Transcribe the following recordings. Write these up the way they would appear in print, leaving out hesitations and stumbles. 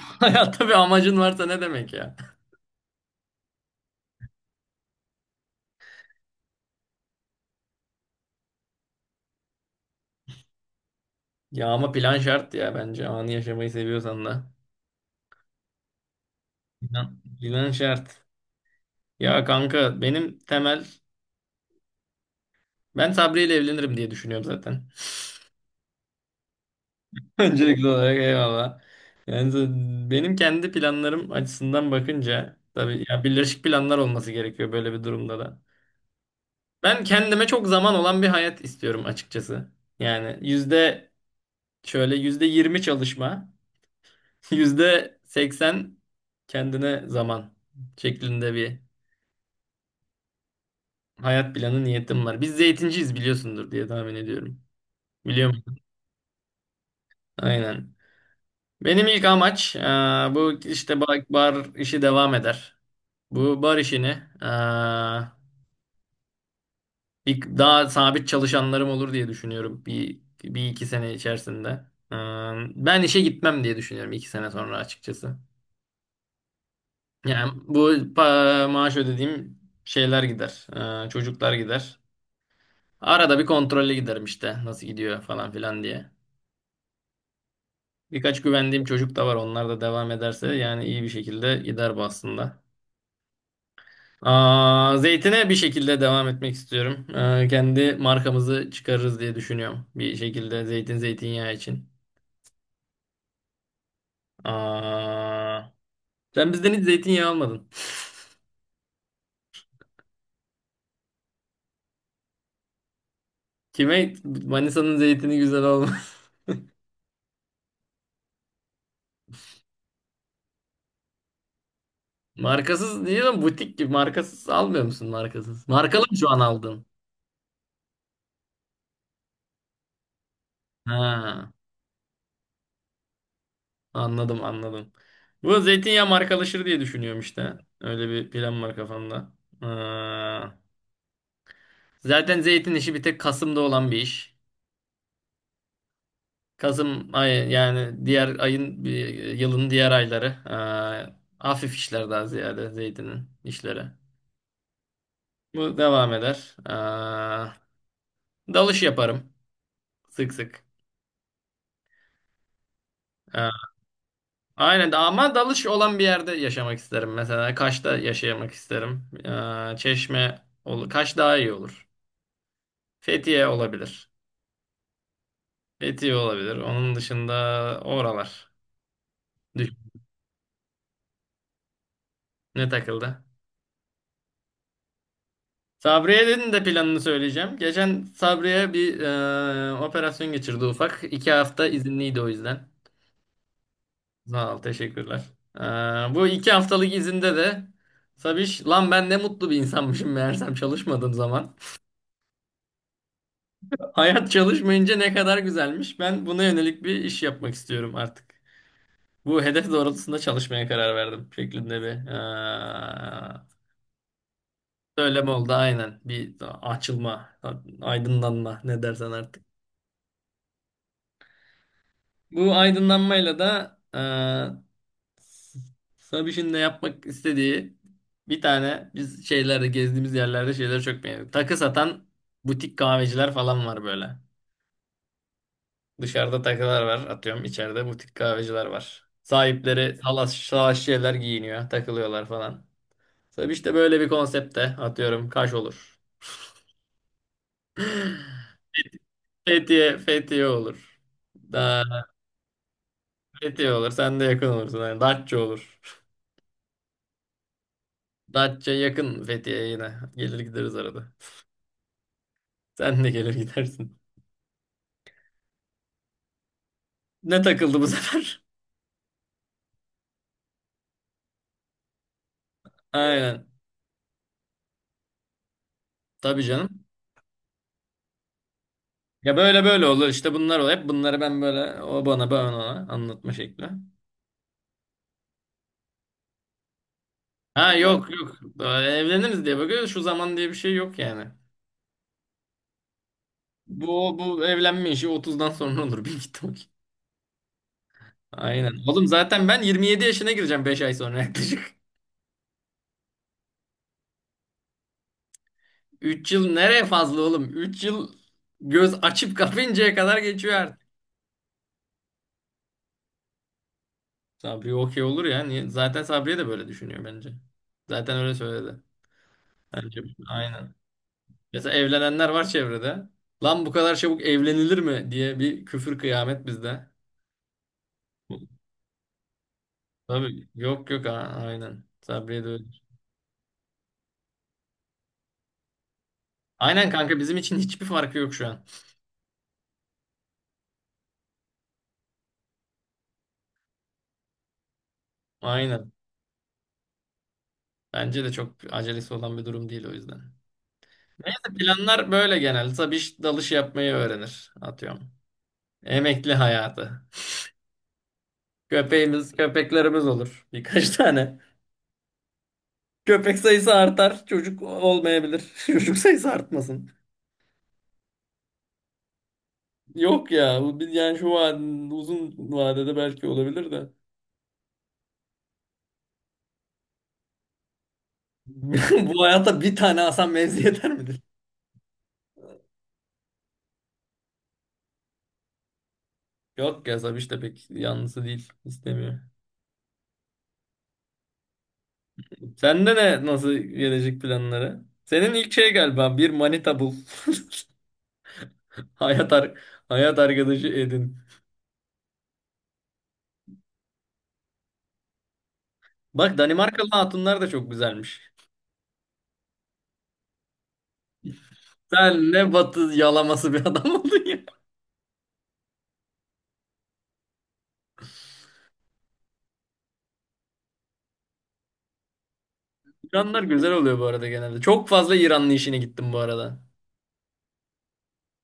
Hayatta bir amacın varsa ne demek ya? Ya ama plan şart ya bence anı yaşamayı seviyorsan da. Plan şart. Ya kanka benim temel ben Sabri ile evlenirim diye düşünüyorum zaten. Öncelikli olarak eyvallah. Yani benim kendi planlarım açısından bakınca tabii ya birleşik planlar olması gerekiyor böyle bir durumda da. Ben kendime çok zaman olan bir hayat istiyorum açıkçası. Yani yüzde yirmi çalışma. %80 kendine zaman şeklinde bir hayat planı niyetim var. Biz zeytinciyiz biliyorsundur diye tahmin ediyorum. Biliyor musun? Aynen. Benim ilk amaç bu işte bar işi devam eder. Bu bar işini e, ilk daha sabit çalışanlarım olur diye düşünüyorum bir iki sene içerisinde. E, Ben işe gitmem diye düşünüyorum iki sene sonra açıkçası. Yani bu maaş ödediğim şeyler gider. Çocuklar gider. Arada bir kontrole giderim işte nasıl gidiyor falan filan diye. Birkaç güvendiğim çocuk da var. Onlar da devam ederse yani iyi bir şekilde gider bu aslında. Zeytine bir şekilde devam etmek istiyorum. Kendi markamızı çıkarırız diye düşünüyorum. Bir şekilde zeytin zeytinyağı için. Aa, Sen bizden hiç zeytinyağı almadın. Kime Manisa'nın zeytini güzel olmaz. Markasız değil ama butik gibi. Markasız almıyor musun markasız? Markalı mı şu an aldın? Ha. Anladım, anladım. Bu zeytinyağı markalaşır diye düşünüyorum işte. Öyle bir plan var kafamda. Ee, Zaten zeytin işi bir tek Kasım'da olan bir iş. Kasım ayı yani diğer ayın yılın diğer ayları. Hafif işler daha ziyade zeytinin işleri. Bu devam eder. Dalış yaparım sık sık. Ee, aynen ama dalış olan bir yerde yaşamak isterim. Mesela Kaş'ta yaşamak isterim. Çeşme olur, Kaş daha iyi olur. Fethiye olabilir. Fethiye olabilir. Onun dışında oralar. Düş- Ne takıldı? Sabriye'nin de planını söyleyeceğim. Geçen Sabriye bir operasyon geçirdi ufak. İki hafta izinliydi o yüzden. Sağ ol, teşekkürler. E, Bu iki haftalık izinde de Sabiş, lan ben ne mutlu bir insanmışım meğersem çalışmadığım zaman. Hayat çalışmayınca ne kadar güzelmiş. Ben buna yönelik bir iş yapmak istiyorum artık. Bu hedef doğrultusunda çalışmaya karar verdim şeklinde bir söylem oldu aynen. Bir açılma, aydınlanma ne dersen artık. Bu aydınlanmayla da Sabiş'in de yapmak istediği bir tane biz şeylerde gezdiğimiz yerlerde şeyleri çok beğendik. Takı satan butik kahveciler falan var böyle. Dışarıda takılar var atıyorum içeride butik kahveciler var. Sahipleri salaş şeyler giyiniyor takılıyorlar falan. Sabiş de böyle bir konsepte atıyorum Kaş olur. Fethiye olur da Fethiye olur. Sen de yakın olursun. Yani Datça olur. Datça yakın Fethiye'ye yine. Gelir gideriz arada. Sen de gelir gidersin. Ne takıldı bu sefer? Aynen. Tabii canım. Ya böyle olur. İşte bunlar olur. Hep bunları ben böyle o bana ben ona anlatma şekli. Ha, yok, yok. Böyle evleniriz diye bakıyoruz. Şu zaman diye bir şey yok yani. Bu evlenme işi 30'dan sonra olur. Bir git Aynen. Oğlum zaten ben 27 yaşına gireceğim 5 ay sonra yaklaşık. 3 yıl nereye fazla oğlum? 3 yıl göz açıp kapayıncaya kadar geçiyor artık. Sabri okey olur ya. Niye? Zaten Sabriye de böyle düşünüyor bence. Zaten öyle söyledi. Bence aynen. Mesela evlenenler var çevrede. Lan bu kadar çabuk evlenilir mi diye bir küfür kıyamet bizde. Tabii yok, yok, aynen. Sabriye de öyle. Aynen kanka bizim için hiçbir farkı yok şu an. Aynen. Bence de çok acelesi olan bir durum değil o yüzden. Neyse, planlar böyle genelde. Tabii dalış yapmayı öğrenir. Atıyorum. Emekli hayatı. Köpeklerimiz olur. Birkaç tane. Köpek sayısı artar, çocuk olmayabilir. Çocuk sayısı artmasın. Yok ya, yani şu an uzun vadede belki olabilir de. Bu hayata bir tane Hasan Mevzi yeter midir? Yok ya Sabiş de pek yanlısı değil. İstemiyor. Sende ne nasıl gelecek planları? Senin ilk şey galiba bir manita bul. Hayat, ar hayat arkadaşı edin. Bak Danimarkalı hatunlar da çok güzelmiş. Sen ne batı yalaması bir adam oldun ya. İranlar güzel oluyor bu arada genelde. Çok fazla İranlı işine gittim bu arada.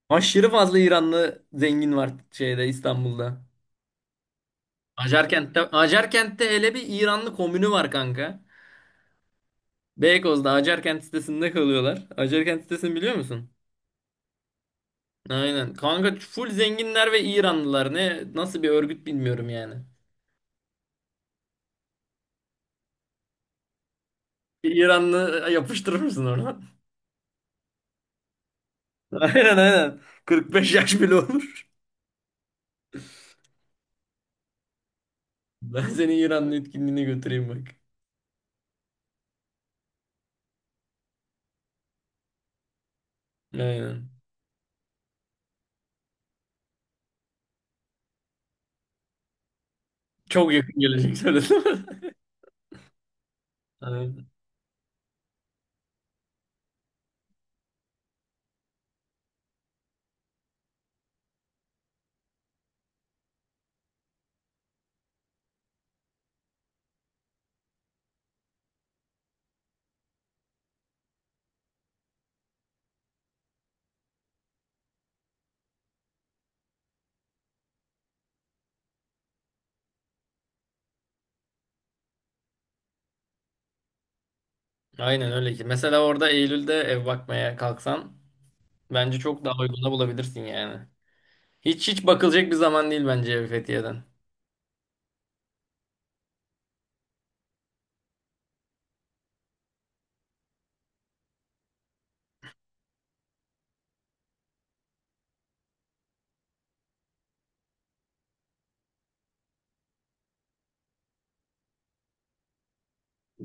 Aşırı fazla İranlı zengin var şeyde İstanbul'da. Acarkent'te hele bir İranlı komünü var kanka. Beykoz'da Acarkent sitesinde kalıyorlar. Acarkent sitesini biliyor musun? Aynen. Kanka full zenginler ve İranlılar. Ne nasıl bir örgüt bilmiyorum yani. Bir İranlı yapıştırır mısın oradan? Aynen, aynen. 45 yaş bile olur. Ben seni İranlı etkinliğine götüreyim bak. Aynen. Çok yakın gelecek söyledim. Aynen. Aynen öyle ki. Mesela orada Eylül'de ev bakmaya kalksan bence çok daha uyguna bulabilirsin yani. Hiç, bakılacak bir zaman değil bence ev Fethiye'den.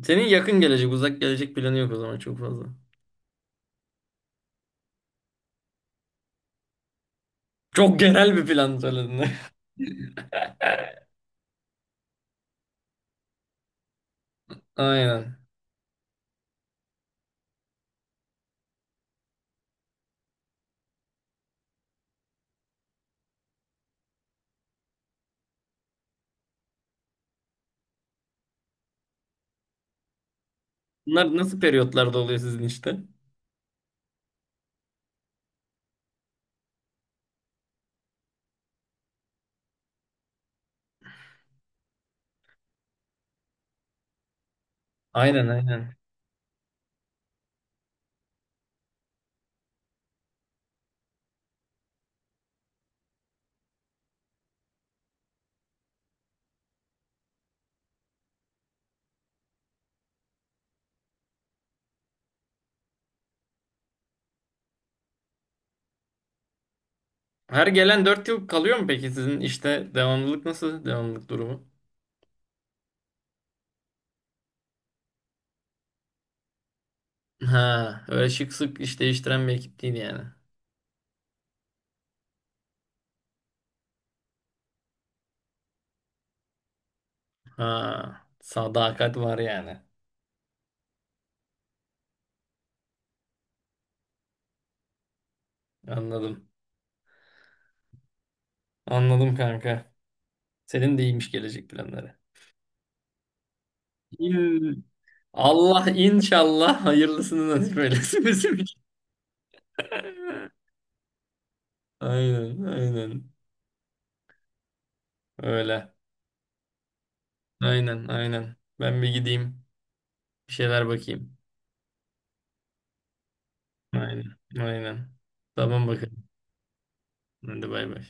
Senin yakın gelecek, uzak gelecek planı yok o zaman çok fazla. Çok genel bir plan söyledin. Aynen. Bunlar nasıl periyotlarda oluyor sizin işte? Aynen, aynen. Her gelen dört yıl kalıyor mu peki sizin işte devamlılık nasıl? Devamlılık durumu? Ha, öyle şık sık iş değiştiren bir ekip değil yani. Ha, sadakat var yani. Anladım. Anladım kanka. Senin de iyiymiş gelecek planları. İn- Allah inşallah hayırlısını nasip eylesin bizim için. Aynen, aynen. Öyle. Aynen, aynen. Ben bir gideyim. Bir şeyler bakayım. Aynen, aynen. Tamam bakalım. Hadi bay bay.